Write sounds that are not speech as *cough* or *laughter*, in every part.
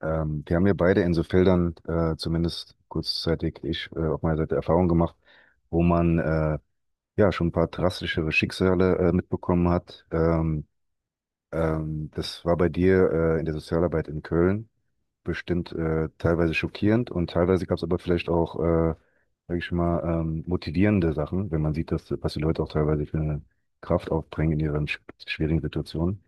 Wir haben ja beide in so Feldern, zumindest kurzzeitig ich, auf meiner Seite Erfahrung gemacht, wo man ja schon ein paar drastischere Schicksale mitbekommen hat. Das war bei dir in der Sozialarbeit in Köln bestimmt teilweise schockierend, und teilweise gab es aber vielleicht auch, sag ich mal, motivierende Sachen, wenn man sieht, dass, was die Leute auch teilweise für eine Kraft aufbringen in ihren schwierigen Situationen.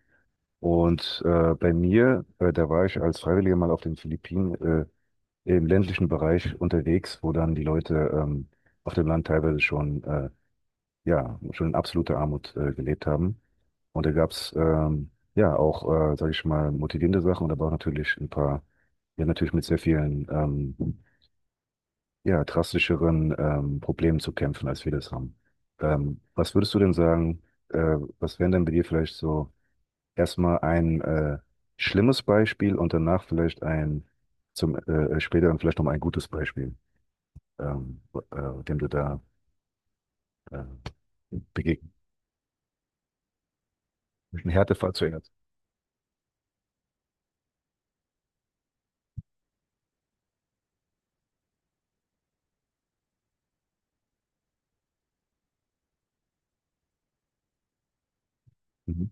Und bei mir, da war ich als Freiwilliger mal auf den Philippinen, im ländlichen Bereich unterwegs, wo dann die Leute auf dem Land teilweise schon, ja, schon in absoluter Armut gelebt haben. Und da gab's ja auch, sage ich mal, motivierende Sachen und aber auch natürlich ein paar, ja, natürlich mit sehr vielen, ja, drastischeren Problemen zu kämpfen, als wir das haben. Was würdest du denn sagen, was wären denn bei dir vielleicht so erstmal ein schlimmes Beispiel und danach vielleicht ein, zum später dann vielleicht noch mal ein gutes Beispiel? ähm, dem du da äh, begegnet. Ein Härtefall zuerst. Mhm.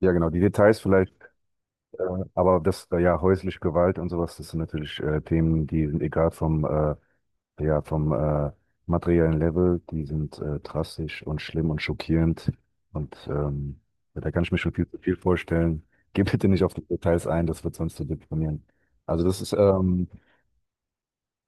Ja, genau, die Details vielleicht, äh, aber das, ja, häusliche Gewalt und sowas, das sind natürlich Themen, die sind egal vom, ja, vom materiellen Level, die sind drastisch und schlimm und schockierend und ja, da kann ich mir schon viel zu viel vorstellen. Geh bitte nicht auf die Details ein, das wird sonst zu deprimieren. Also das ist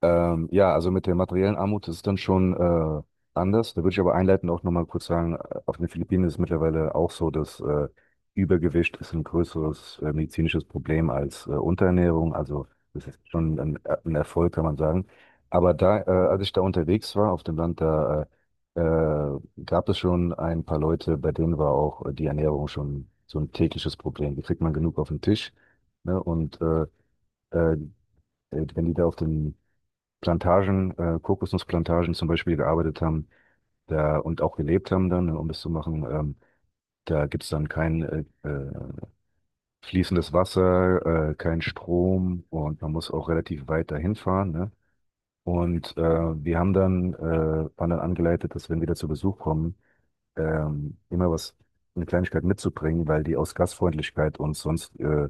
Ja, also mit der materiellen Armut ist es dann schon anders. Da würde ich aber einleitend auch nochmal kurz sagen, auf den Philippinen ist es mittlerweile auch so, dass Übergewicht ist ein größeres medizinisches Problem als Unterernährung. Also das ist schon ein Erfolg, kann man sagen. Aber da, als ich da unterwegs war auf dem Land, da äh, äh, gab es schon ein paar Leute, bei denen war auch die Ernährung schon so ein tägliches Problem. Die kriegt man genug auf den Tisch, ne? Und äh, wenn die da auf den Plantagen, Kokosnussplantagen zum Beispiel gearbeitet haben da, und auch gelebt haben dann, ne, um das zu machen. Da gibt's dann kein fließendes Wasser, kein Strom, und man muss auch relativ weit dahin fahren. Ne? Und wir haben dann, waren dann angeleitet, dass wenn wir da zu Besuch kommen, immer was, eine Kleinigkeit mitzubringen, weil die aus Gastfreundlichkeit uns sonst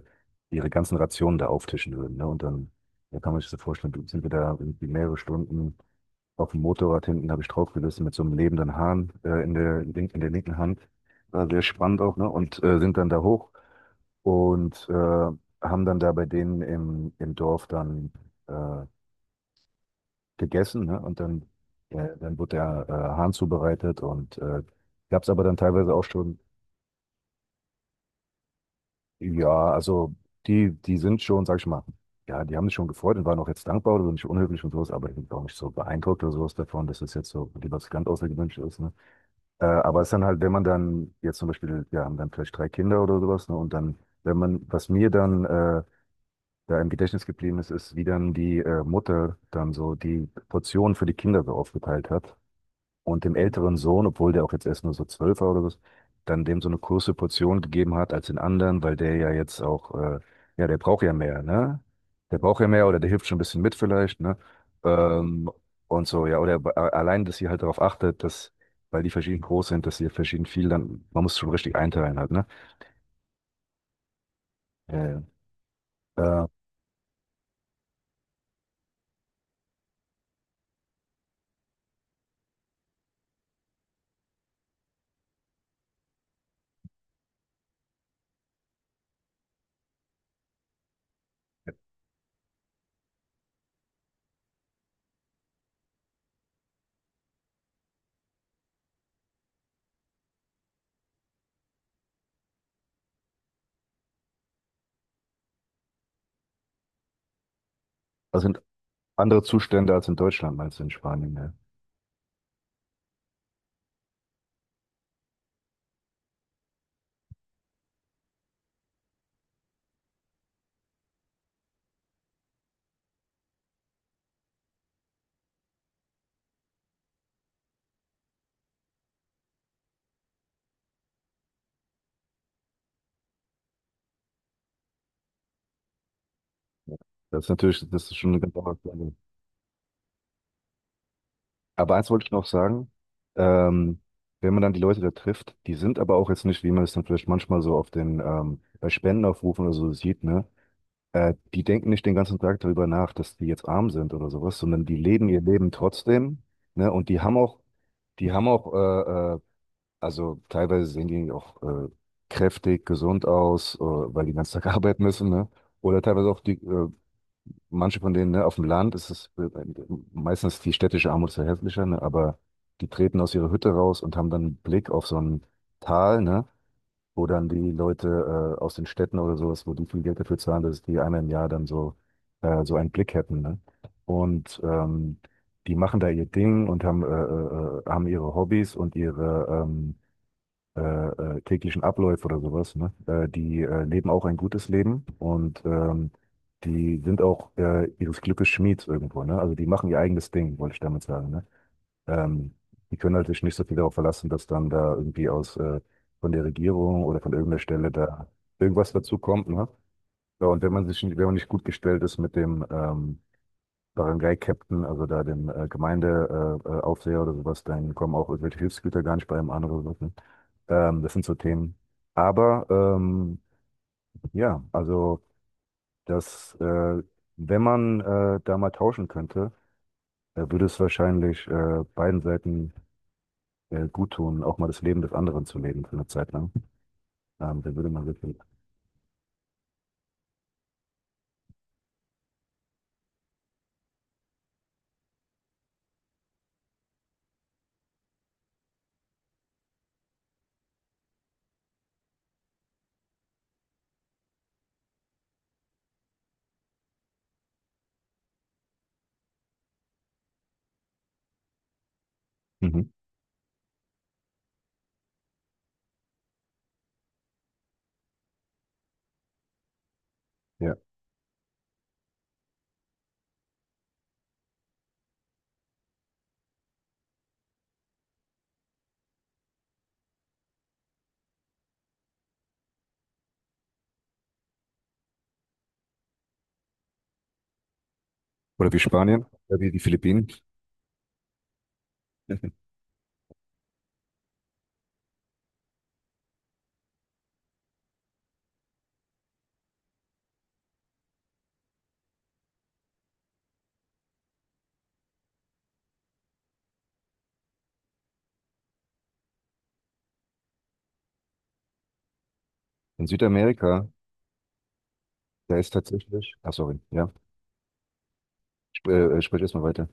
ihre ganzen Rationen da auftischen würden. Ne? Und dann, da kann man sich so vorstellen, sind wir da irgendwie mehrere Stunden auf dem Motorrad hinten habe ich draufgerissen mit so einem lebenden Hahn, in der linken Hand. War sehr spannend auch, ne? Und, sind dann da hoch und, haben dann da bei denen im Dorf dann, äh, gegessen, ne? Und dann ja, dann wurde der, Hahn zubereitet und, gab es aber dann teilweise auch schon ja, also die sind schon, sag ich mal ja, die haben sich schon gefreut und waren auch jetzt dankbar oder nicht unhöflich und so was, aber ich bin auch nicht so beeindruckt oder so was davon, dass das jetzt so die was ganz Außergewöhnliches ist, ne? Aber es ist dann halt, wenn man dann jetzt zum Beispiel, wir haben dann vielleicht drei Kinder oder sowas, ne, und dann, wenn man, was mir dann da im Gedächtnis geblieben ist, ist, wie dann die Mutter dann so die Portionen für die Kinder so aufgeteilt hat und dem älteren Sohn, obwohl der auch jetzt erst nur so zwölf war oder was, dann dem so eine große Portion gegeben hat als den anderen, weil der ja jetzt auch, ja, der braucht ja mehr, ne? Der braucht ja mehr, oder der hilft schon ein bisschen mit vielleicht, ne? Ähm, und so, ja, oder allein, dass sie halt darauf achtet, dass, weil die verschieden groß sind, dass sie verschieden viel, dann, man muss schon richtig einteilen halt, ne? Ja, ja. Das sind andere Zustände als in Deutschland, meinst du, in Spanien, ne? Ja. Das ist natürlich, das ist schon eine ganz andere. Aber eins wollte ich noch sagen, ähm, wenn man dann die Leute da trifft, die sind aber auch jetzt nicht, wie man es dann vielleicht manchmal so auf den, bei Spendenaufrufen oder so sieht, ne? Die denken nicht den ganzen Tag darüber nach, dass die jetzt arm sind oder sowas, sondern die leben ihr Leben trotzdem, ne? Und die haben auch, also teilweise sehen die auch kräftig, gesund aus, weil die den ganzen Tag *laughs* arbeiten müssen, ne? Oder teilweise auch die manche von denen, ne, auf dem Land ist es meistens, die städtische Armut ist ja hässlicher, ne, aber die treten aus ihrer Hütte raus und haben dann einen Blick auf so ein Tal, ne, wo dann die Leute aus den Städten oder sowas, wo die viel Geld dafür zahlen, dass die einmal im Jahr dann so, so einen Blick hätten, ne? Und die machen da ihr Ding und haben, haben ihre Hobbys und ihre, äh, täglichen Abläufe oder sowas, ne? Die leben auch ein gutes Leben und die sind auch ihres Glückes Schmieds irgendwo, ne? Also die machen ihr eigenes Ding, wollte ich damit sagen, ne? Ähm, die können halt sich nicht so viel darauf verlassen, dass dann da irgendwie aus von der Regierung oder von irgendeiner Stelle da irgendwas dazu kommt, ne? Ja, und wenn man sich, wenn man nicht gut gestellt ist mit dem Barangay-Captain, also da dem Gemeindeaufseher Aufseher oder sowas, dann kommen auch irgendwelche Hilfsgüter gar nicht bei einem anderen. Sachen. Das sind so Themen. Aber ja, also das, wenn man da mal tauschen könnte, würde es wahrscheinlich beiden Seiten gut tun, auch mal das Leben des anderen zu leben für eine Zeit lang. Da würde man wirklich. Mhm. Ja. Oder wie Spanien, oder wie die Philippinen. *laughs* In Südamerika, da ist tatsächlich, ach sorry, ja, sp sprich erstmal weiter.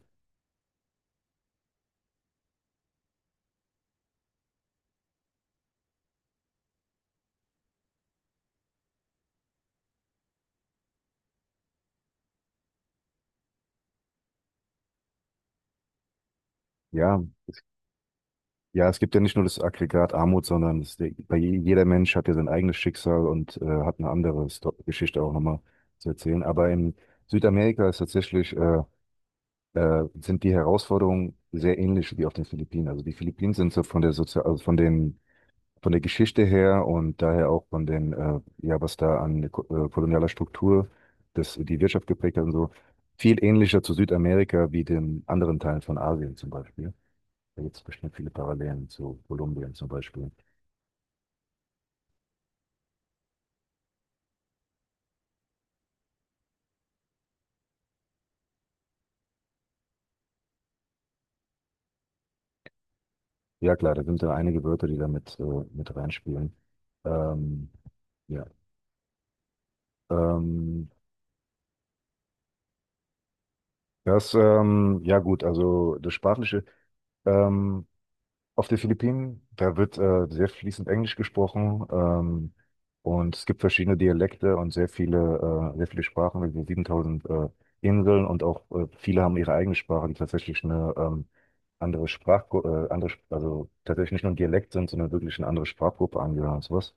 Ja, ja, es gibt ja nicht nur das Aggregat Armut, sondern es, bei jeder Mensch hat ja sein eigenes Schicksal, und hat eine andere Sto Geschichte auch nochmal zu erzählen. Aber in Südamerika ist tatsächlich, sind die Herausforderungen sehr ähnlich wie auf den Philippinen. Also die Philippinen sind so von der Sozial, also von den von der Geschichte her, und daher auch von den, ja, was da an kolonialer Struktur das, die Wirtschaft geprägt hat und so, viel ähnlicher zu Südamerika wie den anderen Teilen von Asien zum Beispiel. Da gibt es bestimmt viele Parallelen zu Kolumbien zum Beispiel. Ja, klar, da sind da einige Wörter, die da mit reinspielen. Ähm, ja, ähm, das, ja gut, also das Sprachliche, ähm, auf den Philippinen. Da wird sehr fließend Englisch gesprochen, und es gibt verschiedene Dialekte und sehr viele Sprachen, also 7000 Inseln, und auch viele haben ihre eigene Sprache, die tatsächlich eine andere Sprachgruppe, andere, also tatsächlich nicht nur ein Dialekt sind, sondern wirklich eine andere Sprachgruppe angehören und sowas.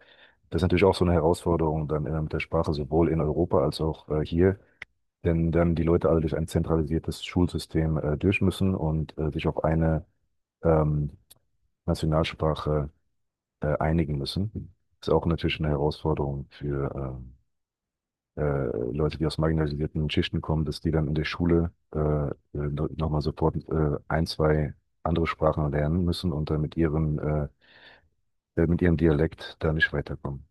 Das ist natürlich auch so eine Herausforderung dann mit der Sprache sowohl in Europa als auch hier, denn dann die Leute alle durch ein zentralisiertes Schulsystem durch müssen und sich auf eine ähm, Nationalsprache einigen müssen. Ist auch natürlich eine Herausforderung für Leute, die aus marginalisierten Schichten kommen, dass die dann in der Schule no, nochmal sofort ein, zwei andere Sprachen lernen müssen und dann mit ihrem Dialekt da nicht weiterkommen.